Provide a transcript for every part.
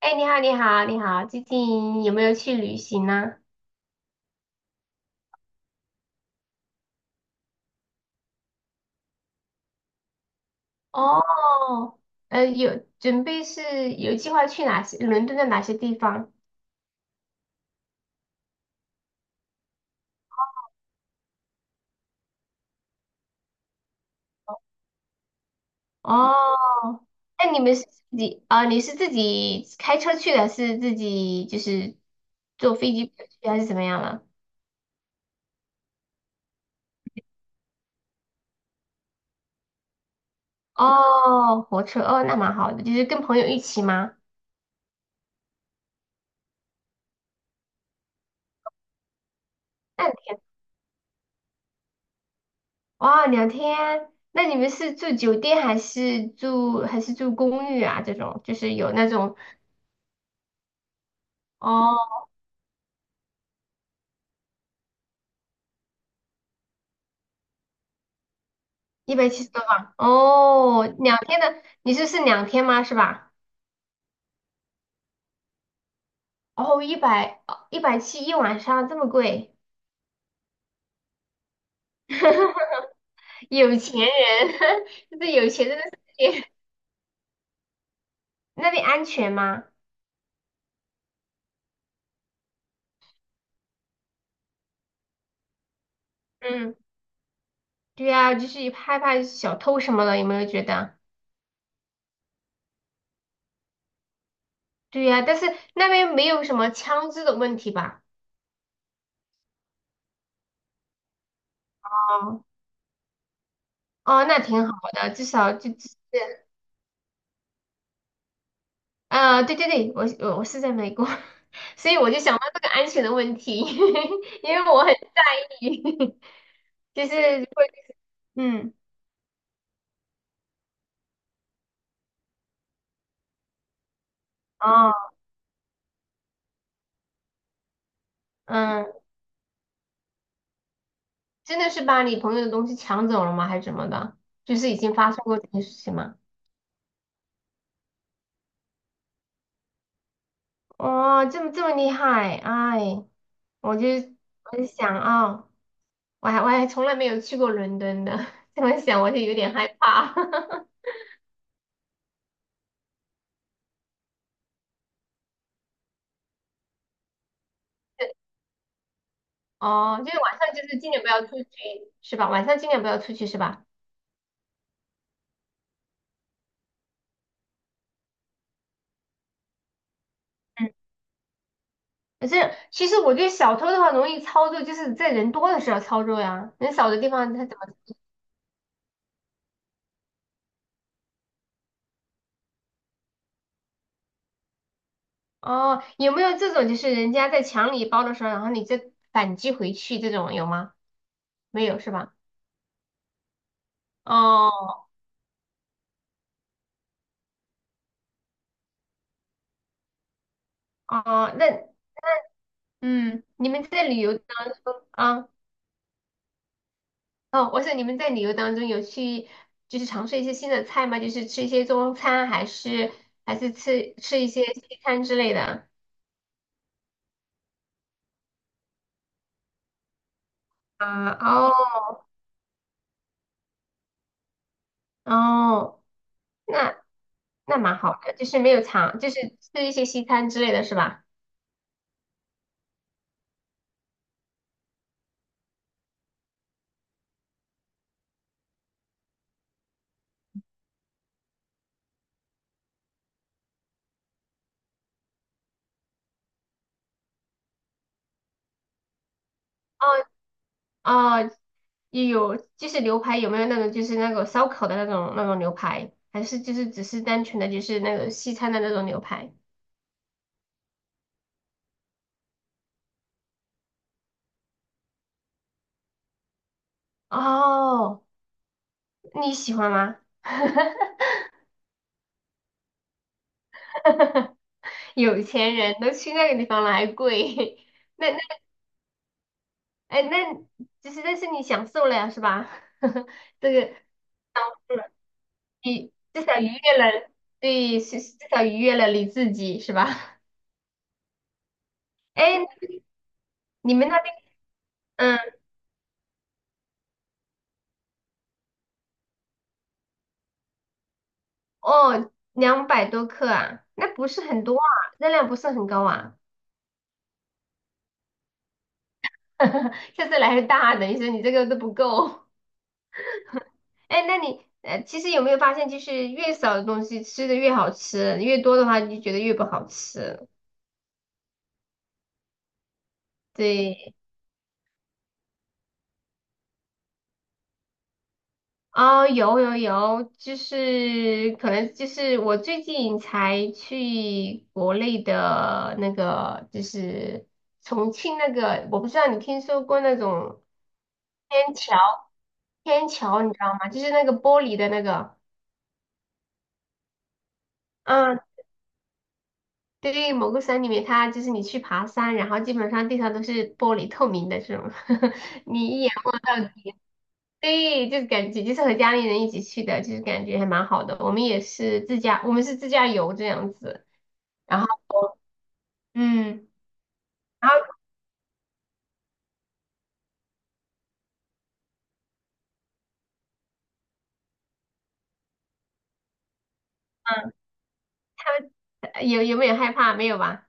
哎，你好，你好，你好，最近有没有去旅行呢？哦，有准备是有计划去哪些伦敦的哪些地方？哦，那你们是自己啊、你是自己开车去的，是自己就是坐飞机去还是怎么样了？哦，火车哦，那蛮好的，就是跟朋友一起吗？那你哇，两天，那你们是住酒店还是住公寓啊？这种就是有那种哦。170多磅哦，2天的，你这是2天吗？是吧？哦，一百七一晚上这么贵。有钱人。这是有钱人的世界。那边安全吗？嗯，对呀，就是害怕小偷什么的，有没有觉得？对呀，但是那边没有什么枪支的问题吧？哦。哦，那挺好的，至少就只是啊，对对对，我是在美国。所以我就想到这个安全的问题。因为我很。就是会嗯。哦。嗯。真的是把你朋友的东西抢走了吗？还是怎么的？就是已经发生过这件事情吗？哦，这么厉害。哎，我就我就想啊、哦我还从来没有去过伦敦的。这么想我就有点害怕。哦，就是晚上就是尽量不要出去，是吧？晚上尽量不要出去，是吧？嗯。可是其实我觉得小偷的话容易操作，就是在人多的时候操作呀，人少的地方他怎么？哦，有没有这种就是人家在抢你包的时候，然后你再反击回去这种有吗？没有是吧？哦哦，那嗯，你们在旅游啊？哦，我想你们在旅游当中有去就是尝试一些新的菜吗？就是吃一些中餐，还是吃一些西餐之类的？啊哦哦，那那蛮好的，就是没有尝，就是吃一些西餐之类的是吧？哦。哦，也有就是牛排有没有那种就是那个烧烤的那种牛排，还是就是只是单纯的就是那个西餐的那种牛排？哦，你喜欢吗？有钱人都去那个地方了，还贵？那那哎，那就是但是你享受了呀，是吧？这个你至少愉悦了。对，是至少愉悦了你自己，是吧？哎，你们那边，嗯。哦，200多克啊，那不是很多啊，热量不是很高啊。下次来个大的，你说你这个都不够。哎，那你其实有没有发现，就是越少的东西吃的越好吃，越多的话你就觉得越不好吃。对。哦，有有有，就是可能就是我最近才去国内的那个，就是重庆那个，我不知道你听说过那种。天桥。天桥，你知道吗？就是那个玻璃的那个。嗯。对，某个山里面，它就是你去爬山，然后基本上地上都是玻璃透明的这种。你一眼望到。对，就是感觉就是和家里人一起去的，就是感觉还蛮好的。我们也是自驾，我们是自驾游这样子。然后嗯，然后有有没有害怕？没有吧？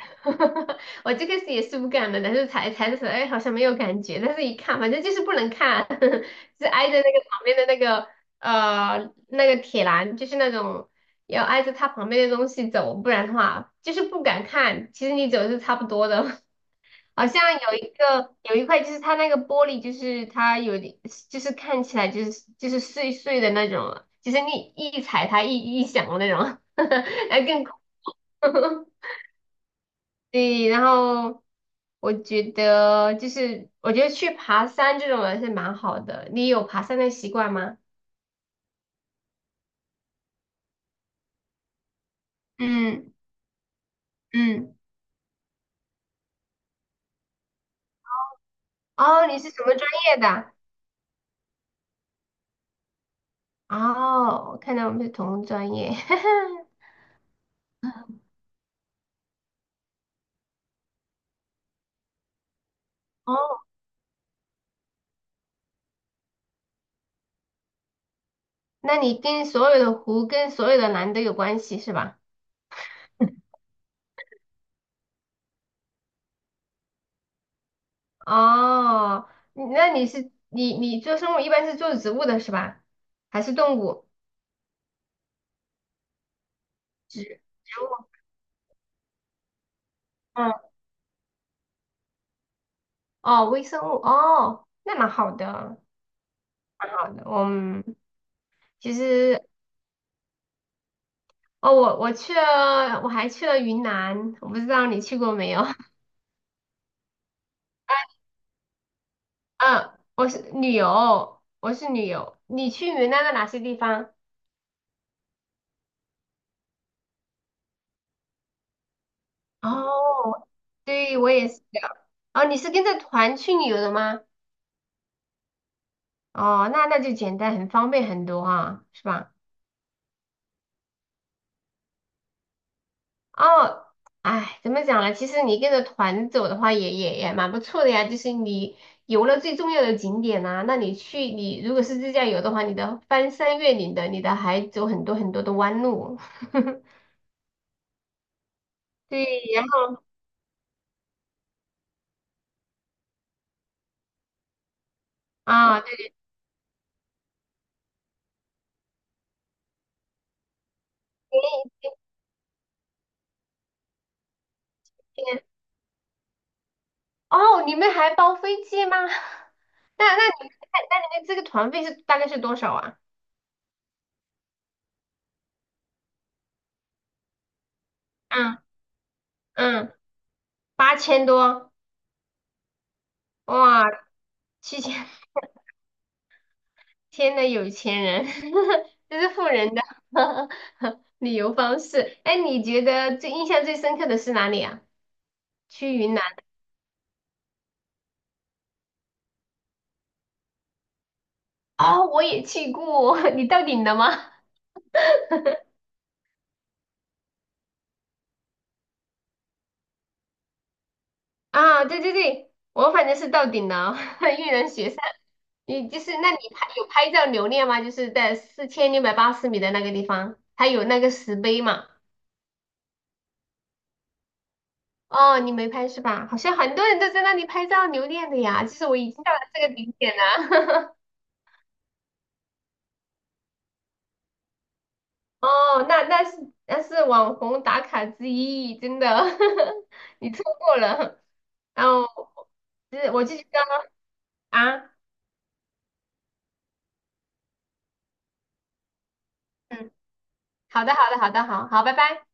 我最开始也是不敢的，但是踩踩的时候，哎，好像没有感觉，但是一看，反正就是不能看。是挨着那个旁边的那个铁栏，就是那种要挨着它旁边的东西走，不然的话就是不敢看。其实你走是差不多的。好像有一块就是它那个玻璃，就是它有点就是看起来就是碎碎的那种，就是你一踩它一响的那种。那更恐怖。对。然后我觉得去爬山这种还是蛮好的。你有爬山的习惯吗？嗯嗯。哦，你是什么专业的啊？哦，我看到我们是同专业。哦，那你跟所有的湖跟所有的蓝都有关系是吧？哦，你那你是你做生物一般是做植物的是吧？还是动物？植物。嗯。哦，微生物。哦，那蛮好的，蛮好的。嗯。其实哦，我去了，我还去了云南，我不知道你去过没有？嗯，我是旅游，我是旅游。你去云南的哪些地方？哦。对，我也是的。哦，你是跟着团去旅游的吗？哦，那就简单，很方便很多啊，是吧？哦。哎，怎么讲呢？其实你跟着团走的话也蛮不错的呀。就是你游了最重要的景点呐、那你去，你如果是自驾游的话，你的翻山越岭的，你的还走很多很多的弯路。对。然后啊，对，前一天哦，你们还包飞机吗？那你们你们这个团费是大概是多少啊？嗯嗯，8000多，哇，7000天呐，有钱人。这是富人的 旅游方式。哎，你觉得最印象最深刻的是哪里啊？去云南啊，我也去过。你到顶了吗？啊，对对对，我反正是到顶了。玉人雪山。你就是，那有拍照留念吗？就是在4680米的那个地方，还有那个石碑嘛。哦，你没拍是吧？好像很多人都在那里拍照留念的呀。其实我已经到了这个顶点了。哦，那那是那是网红打卡之一，真的。你错过了。然后，我就觉得啊。嗯。好的，好的，好的，好好，拜拜。